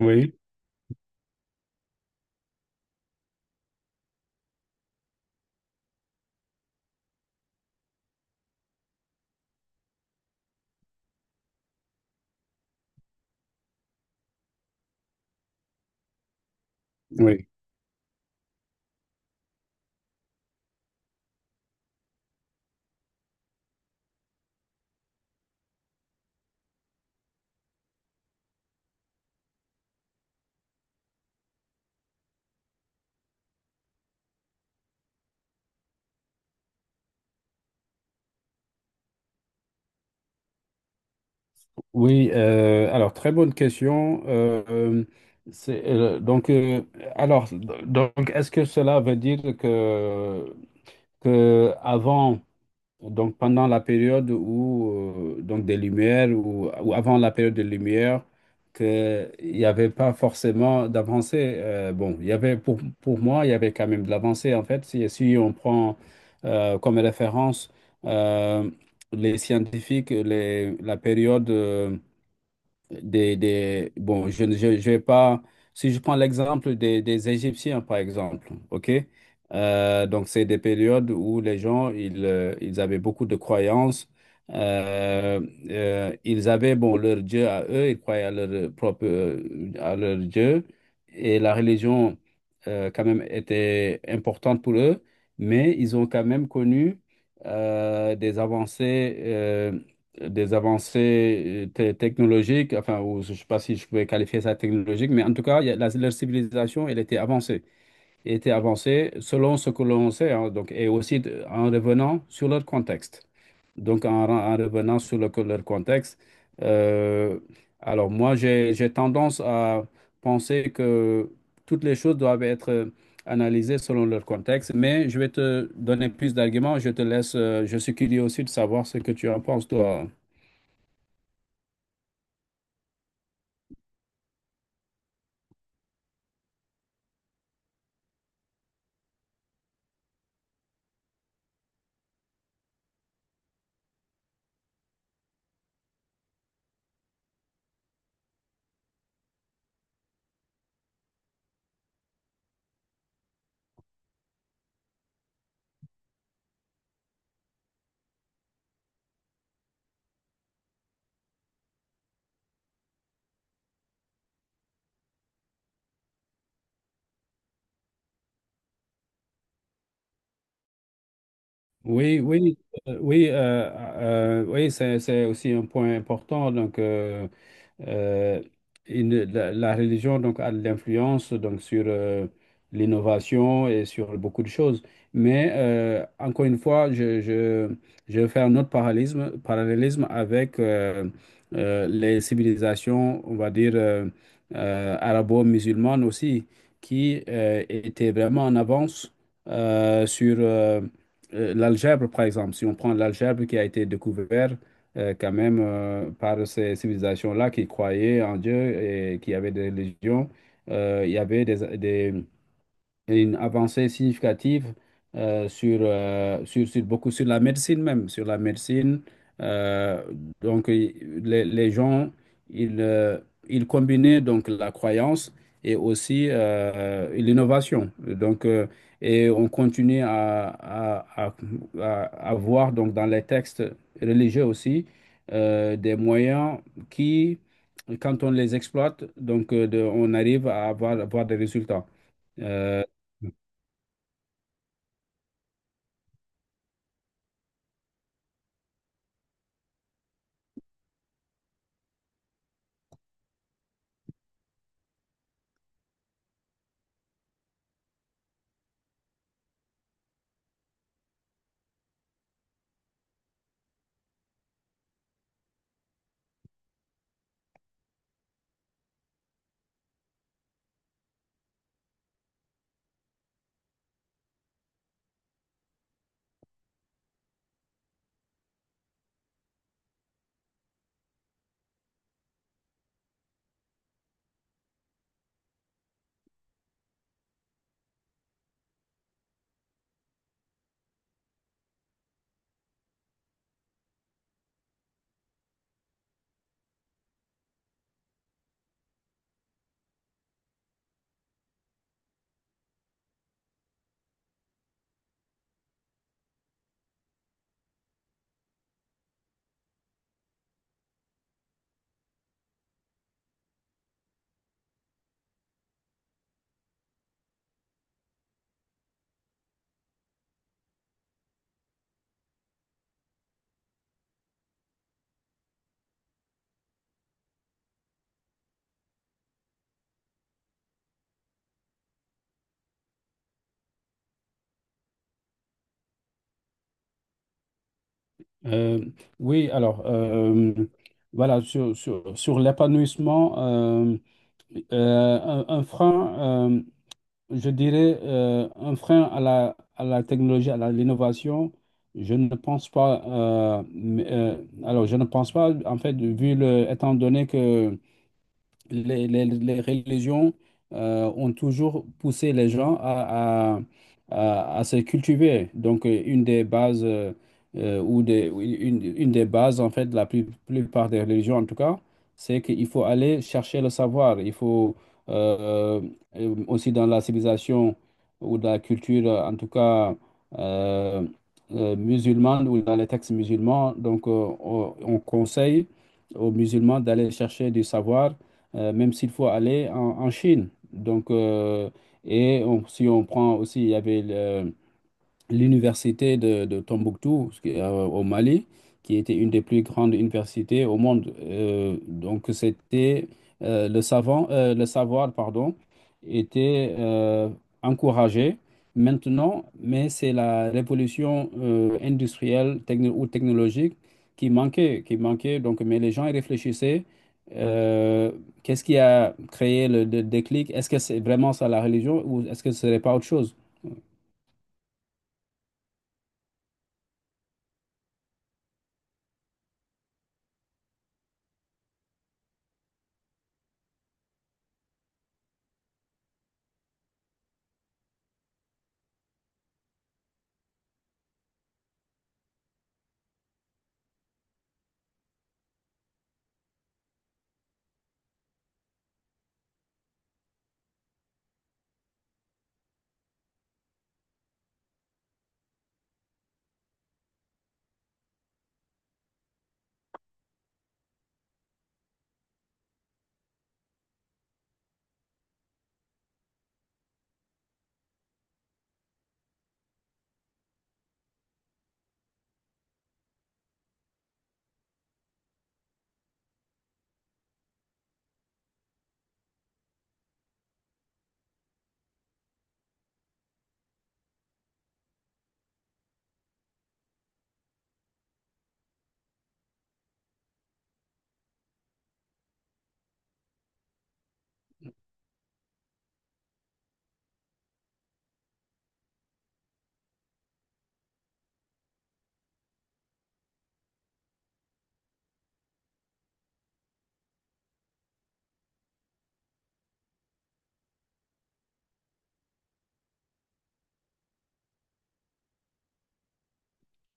Oui, oui, oui. Alors, très bonne question. Donc, alors, d- donc, est-ce que cela veut dire que avant. Pendant la période où, donc des lumières, ou avant la période des lumières, que il n'y avait pas forcément d'avancée. Bon, il y avait pour moi, il y avait quand même de l'avancée en fait. Si on prend, comme référence, euh, les scientifiques, la période des. Bon, je vais pas. Si je prends l'exemple des Égyptiens, par exemple, OK? Donc, c'est des périodes où les gens, ils avaient beaucoup de croyances. Euh, Ils avaient, bon, leur Dieu à eux, ils croyaient à leur propre, à leur Dieu, et la religion, quand même, était importante pour eux, mais ils ont quand même connu des avancées. Des avancées technologiques, enfin, ou je ne sais pas si je pouvais qualifier ça de technologique, mais en tout cas, il y a- la- leur civilisation, elle était avancée. Elle était avancée selon ce que l'on sait, hein, donc, et aussi en revenant sur leur contexte. Donc, en revenant sur leur contexte, euh, alors moi, j'ai tendance à penser que toutes les choses doivent être, analysées selon leur contexte, mais je vais te donner plus d'arguments, je te laisse, je suis curieux aussi de savoir ce que tu en penses, toi. Oui, oui, oui, oui, c'est aussi un point important. Donc, euh, la religion donc, a de l'influence donc, sur l'innovation et sur beaucoup de choses. Mais encore une fois, je vais faire un autre parallélisme avec les civilisations, on va dire, arabo-musulmanes aussi, qui étaient vraiment en avance, sur, l'algèbre, par exemple. Si on prend l'algèbre qui a été découvert, quand même, par ces civilisations-là qui croyaient en Dieu et qui avaient des religions. Il y avait une avancée significative, sur beaucoup, sur la médecine même, sur la médecine. Euh, donc, les gens, ils, euh, ils combinaient donc la croyance et aussi, l'innovation. Et on continue à- à voir donc dans les textes religieux aussi, des moyens qui, quand on les exploite, on arrive à avoir des résultats. Euh, Euh, oui, alors, voilà, sur, sur l'épanouissement, euh, un frein, je dirais, un frein à la technologie, l'innovation, je ne pense pas, mais, je ne pense pas, en fait, étant donné que les religions ont toujours poussé les gens à, à se cultiver. Donc, une des bases, ou des, ou une des bases, en fait, de la plupart des religions, en tout cas, c'est qu'il faut aller chercher le savoir. Il faut, euh, aussi, dans la civilisation ou dans la culture, en tout cas, euh, musulmane, ou dans les textes musulmans, donc, on conseille aux musulmans d'aller chercher du savoir, même s'il faut aller en Chine. Donc, si on prend aussi, il y avait l'université de Tombouctou, ce qui est, au Mali, qui était une des plus grandes universités au monde. Donc, c'était, le savant, le savoir, pardon, était, encouragé. Maintenant, mais c'est la révolution industrielle, ou technologique qui manquait, qui manquait. Donc, mais les gens y réfléchissaient. euh, Qu'est-ce qui a créé le déclic? Est-ce que c'est vraiment ça la religion, ou est-ce que ce serait pas autre chose?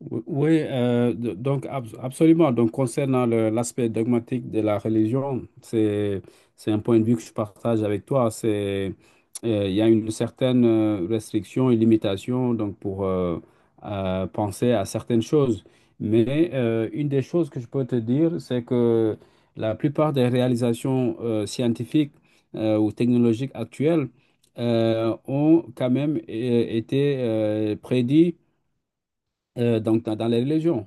Oui, oui, donc, absolument. Donc concernant l'aspect dogmatique de la religion, c'est un point de vue que je partage avec toi. C'est Il y a une certaine, restriction et limitation, donc pour, penser à certaines choses. Mais une des choses que je peux te dire, c'est que la plupart des réalisations, scientifiques ou technologiques actuelles, ont quand même, été, prédits, donc dans les religions.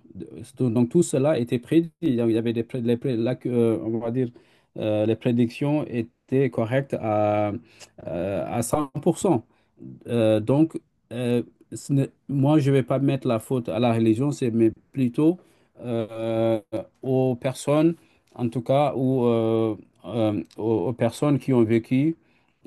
Donc, tout cela était prédit. Donc, il y avait des, pré- les pré- la- on va dire, les prédictions étaient correctes à 100%. Donc, euh, ce n'est- moi, je ne vais pas mettre la faute à la religion, c'est mais plutôt, euh, aux personnes, en tout cas, ou aux personnes qui ont vécu,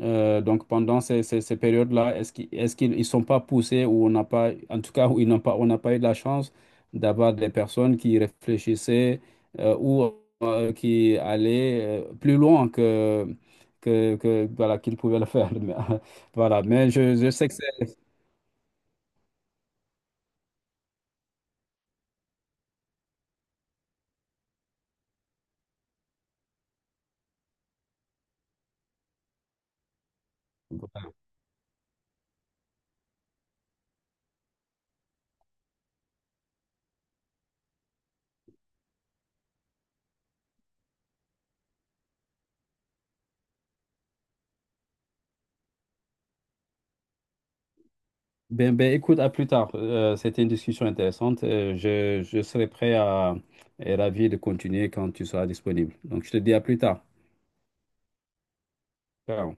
donc pendant ces périodes-là. Est-ce qu'ils ils sont pas poussés, ou on n'a pas, en tout cas, où ils n'ont pas, on n'a pas eu de la chance d'avoir des personnes qui réfléchissaient, ou, qui allaient, plus loin que, que voilà, qu'ils pouvaient le faire. Voilà, mais je sais que c'est... Ben, écoute, à plus tard. C'était une discussion intéressante. Je serai prêt à... et ravi de continuer quand tu seras disponible. Donc, je te dis à plus tard. Ciao.